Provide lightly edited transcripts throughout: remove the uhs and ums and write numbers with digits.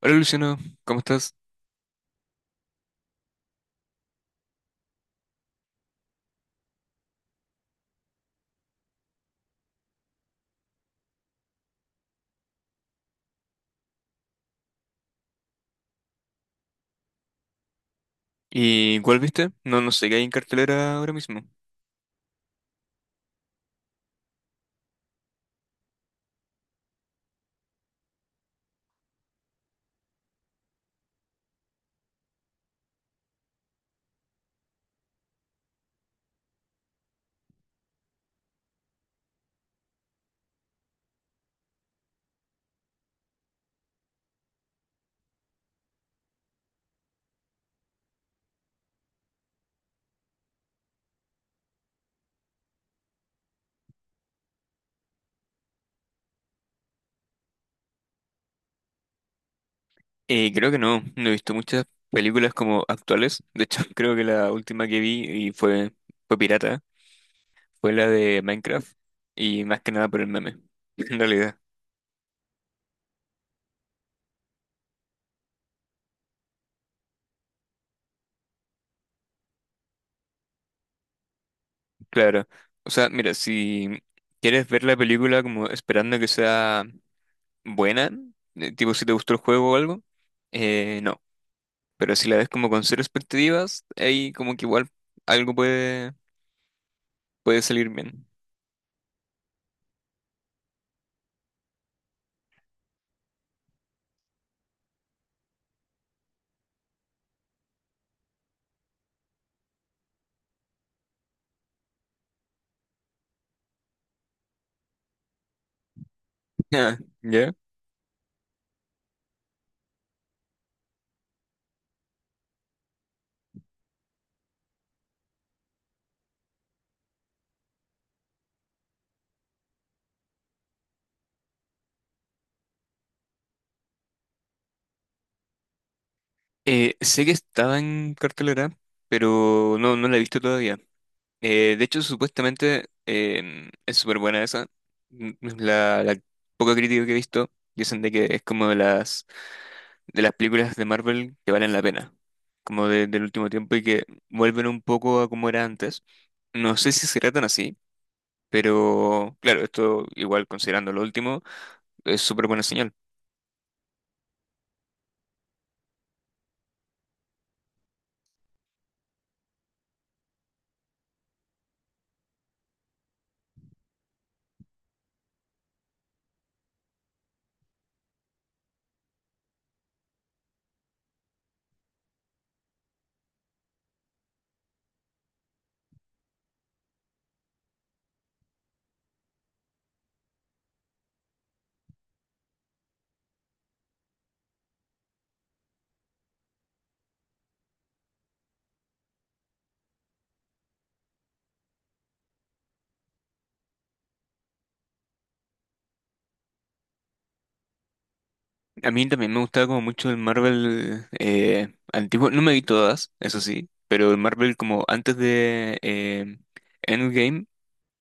Hola Luciano, ¿cómo estás? ¿Y cuál viste? No, sé qué hay en cartelera ahora mismo. Creo que no, no he visto muchas películas como actuales. De hecho, creo que la última que vi y fue, fue pirata, fue la de Minecraft. Y más que nada por el meme, en realidad. Claro. O sea, mira, si quieres ver la película como esperando que sea buena, tipo si te gustó el juego o algo, no. Pero si la ves como con cero expectativas, ahí como que igual algo puede, puede salir bien. Ah, ¿ya? Sé que estaba en cartelera, pero no, no la he visto todavía. De hecho, supuestamente es súper buena esa. Mm, la poca crítica que he visto dicen de que es como de las películas de Marvel que valen la pena, como del último tiempo y que vuelven un poco a como era antes. No sé si será tan así, pero claro, esto igual considerando lo último, es súper buena señal. A mí también me gustaba como mucho el Marvel antiguo. No me vi todas, eso sí, pero el Marvel como antes de Endgame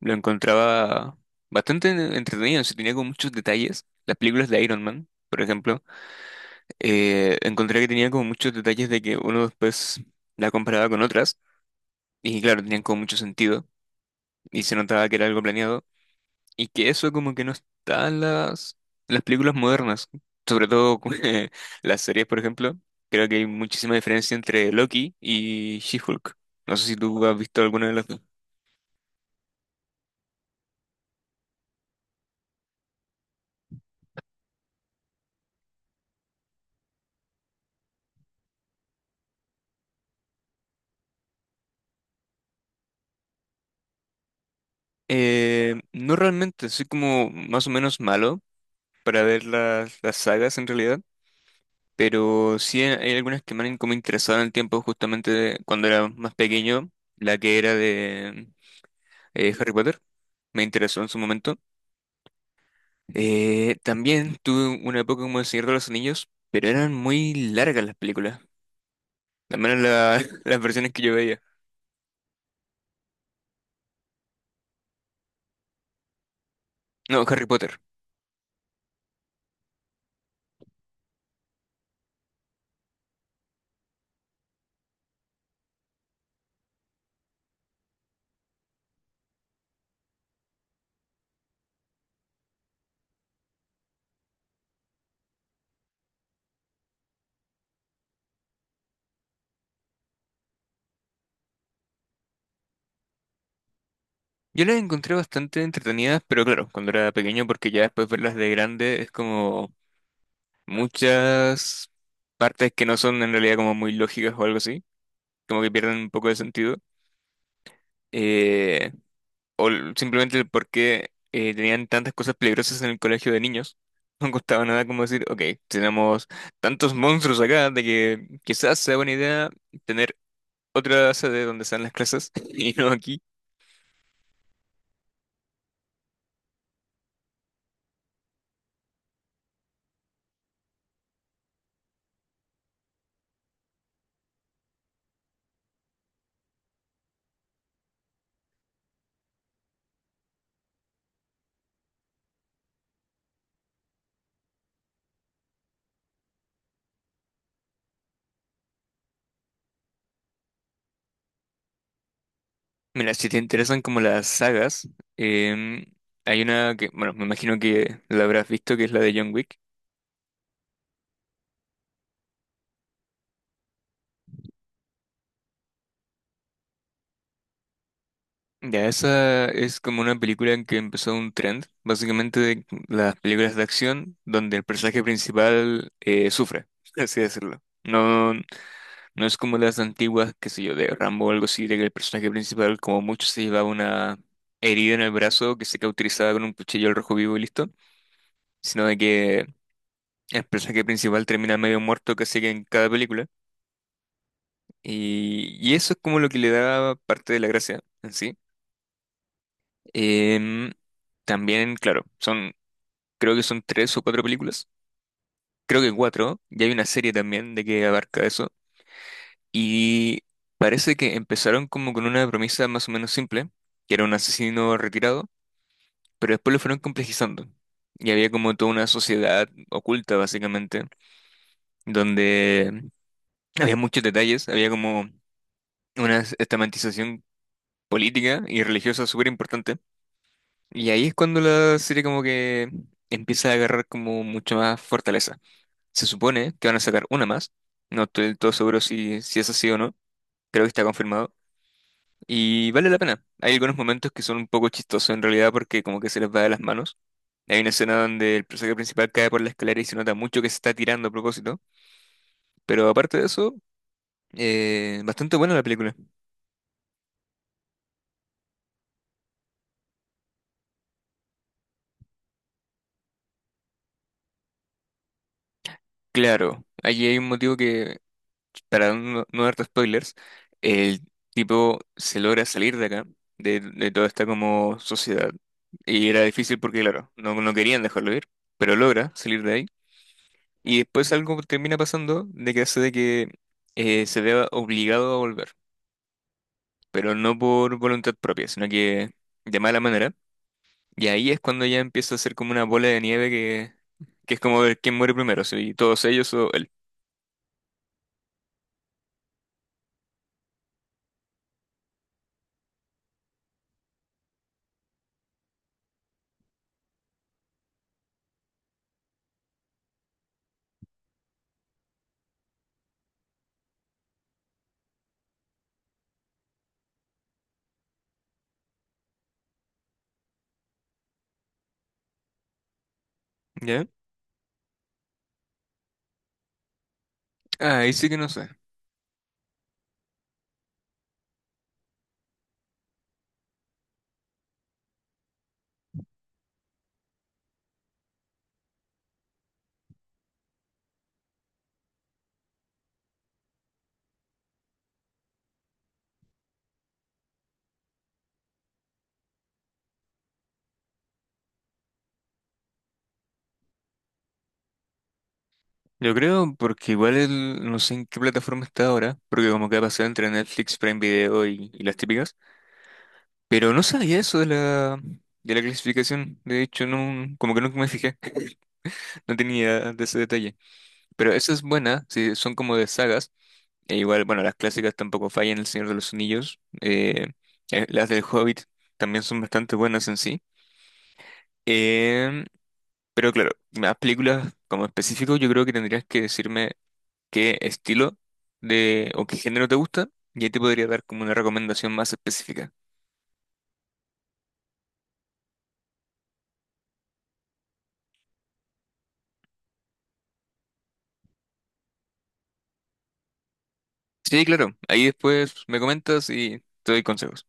lo encontraba bastante entretenido. Se tenía como muchos detalles. Las películas de Iron Man, por ejemplo, encontré que tenía como muchos detalles de que uno después la comparaba con otras. Y claro, tenían como mucho sentido. Y se notaba que era algo planeado. Y que eso como que no está en las películas modernas, sobre todo las series, por ejemplo. Creo que hay muchísima diferencia entre Loki y She-Hulk. No sé si tú has visto alguna de las dos. No realmente, soy como más o menos malo para ver las sagas en realidad, pero sí hay algunas que me han como interesado en el tiempo justamente cuando era más pequeño, la que era de Harry Potter, me interesó en su momento. También tuve una época como El Señor de los Anillos, pero eran muy largas las películas, al menos las versiones que yo veía. No, Harry Potter. Yo las encontré bastante entretenidas, pero claro, cuando era pequeño, porque ya después verlas de grande es como muchas partes que no son en realidad como muy lógicas o algo así, como que pierden un poco de sentido. Eh, Simplemente el por qué tenían tantas cosas peligrosas en el colegio de niños. No costaba nada como decir, ok, tenemos tantos monstruos acá de que quizás sea buena idea tener otra sede donde sean las clases y no aquí. Mira, si te interesan como las sagas, em, hay una que, bueno, me imagino que la habrás visto, que es la de John Wick. Ya, esa es como una película en que empezó un trend, básicamente de las películas de acción donde el personaje principal sufre, por así decirlo. No, no es como las antiguas, qué sé yo, de Rambo o algo así, de que el personaje principal como mucho se llevaba una herida en el brazo que se cauterizaba con un cuchillo al rojo vivo y listo, sino de que el personaje principal termina medio muerto casi que en cada película y eso es como lo que le da parte de la gracia en sí. Em, También, claro, son creo que son tres o cuatro películas, creo que cuatro, y hay una serie también de que abarca eso, y parece que empezaron como con una promesa más o menos simple, que era un asesino retirado, pero después lo fueron complejizando, y había como toda una sociedad oculta básicamente, donde había muchos detalles, había como una estamentización política y religiosa súper importante, y ahí es cuando la serie como que empieza a agarrar como mucho más fortaleza. Se supone que van a sacar una más. No estoy del todo seguro si es así o no. Creo que está confirmado. Y vale la pena. Hay algunos momentos que son un poco chistosos en realidad porque como que se les va de las manos. Hay una escena donde el personaje principal cae por la escalera y se nota mucho que se está tirando a propósito. Pero aparte de eso, bastante buena la película. Claro, allí hay un motivo que para no darte spoilers, el tipo se logra salir de acá, de toda esta como sociedad. Y era difícil porque, claro, no querían dejarlo ir, pero logra salir de ahí. Y después algo termina pasando de que hace de que se vea obligado a volver, pero no por voluntad propia, sino que de mala manera. Y ahí es cuando ya empieza a ser como una bola de nieve que es como ver quién muere primero, si todos ellos o él. ¿Ya? Ah, ahí sí que no sé. Yo creo, porque igual no sé en qué plataforma está ahora, porque como que ha pasado entre Netflix, Prime Video y las típicas, pero no sabía eso de de la clasificación, de hecho, no, como que nunca me fijé, no tenía de ese detalle, pero esa es buena, sí, son como de sagas, e igual, bueno, las clásicas tampoco fallan, El Señor de los Anillos, las del Hobbit también son bastante buenas en sí, em, pero claro, las películas como específico yo creo que tendrías que decirme qué estilo de o qué género te gusta y ahí te podría dar como una recomendación más específica. Sí, claro, ahí después me comentas y te doy consejos.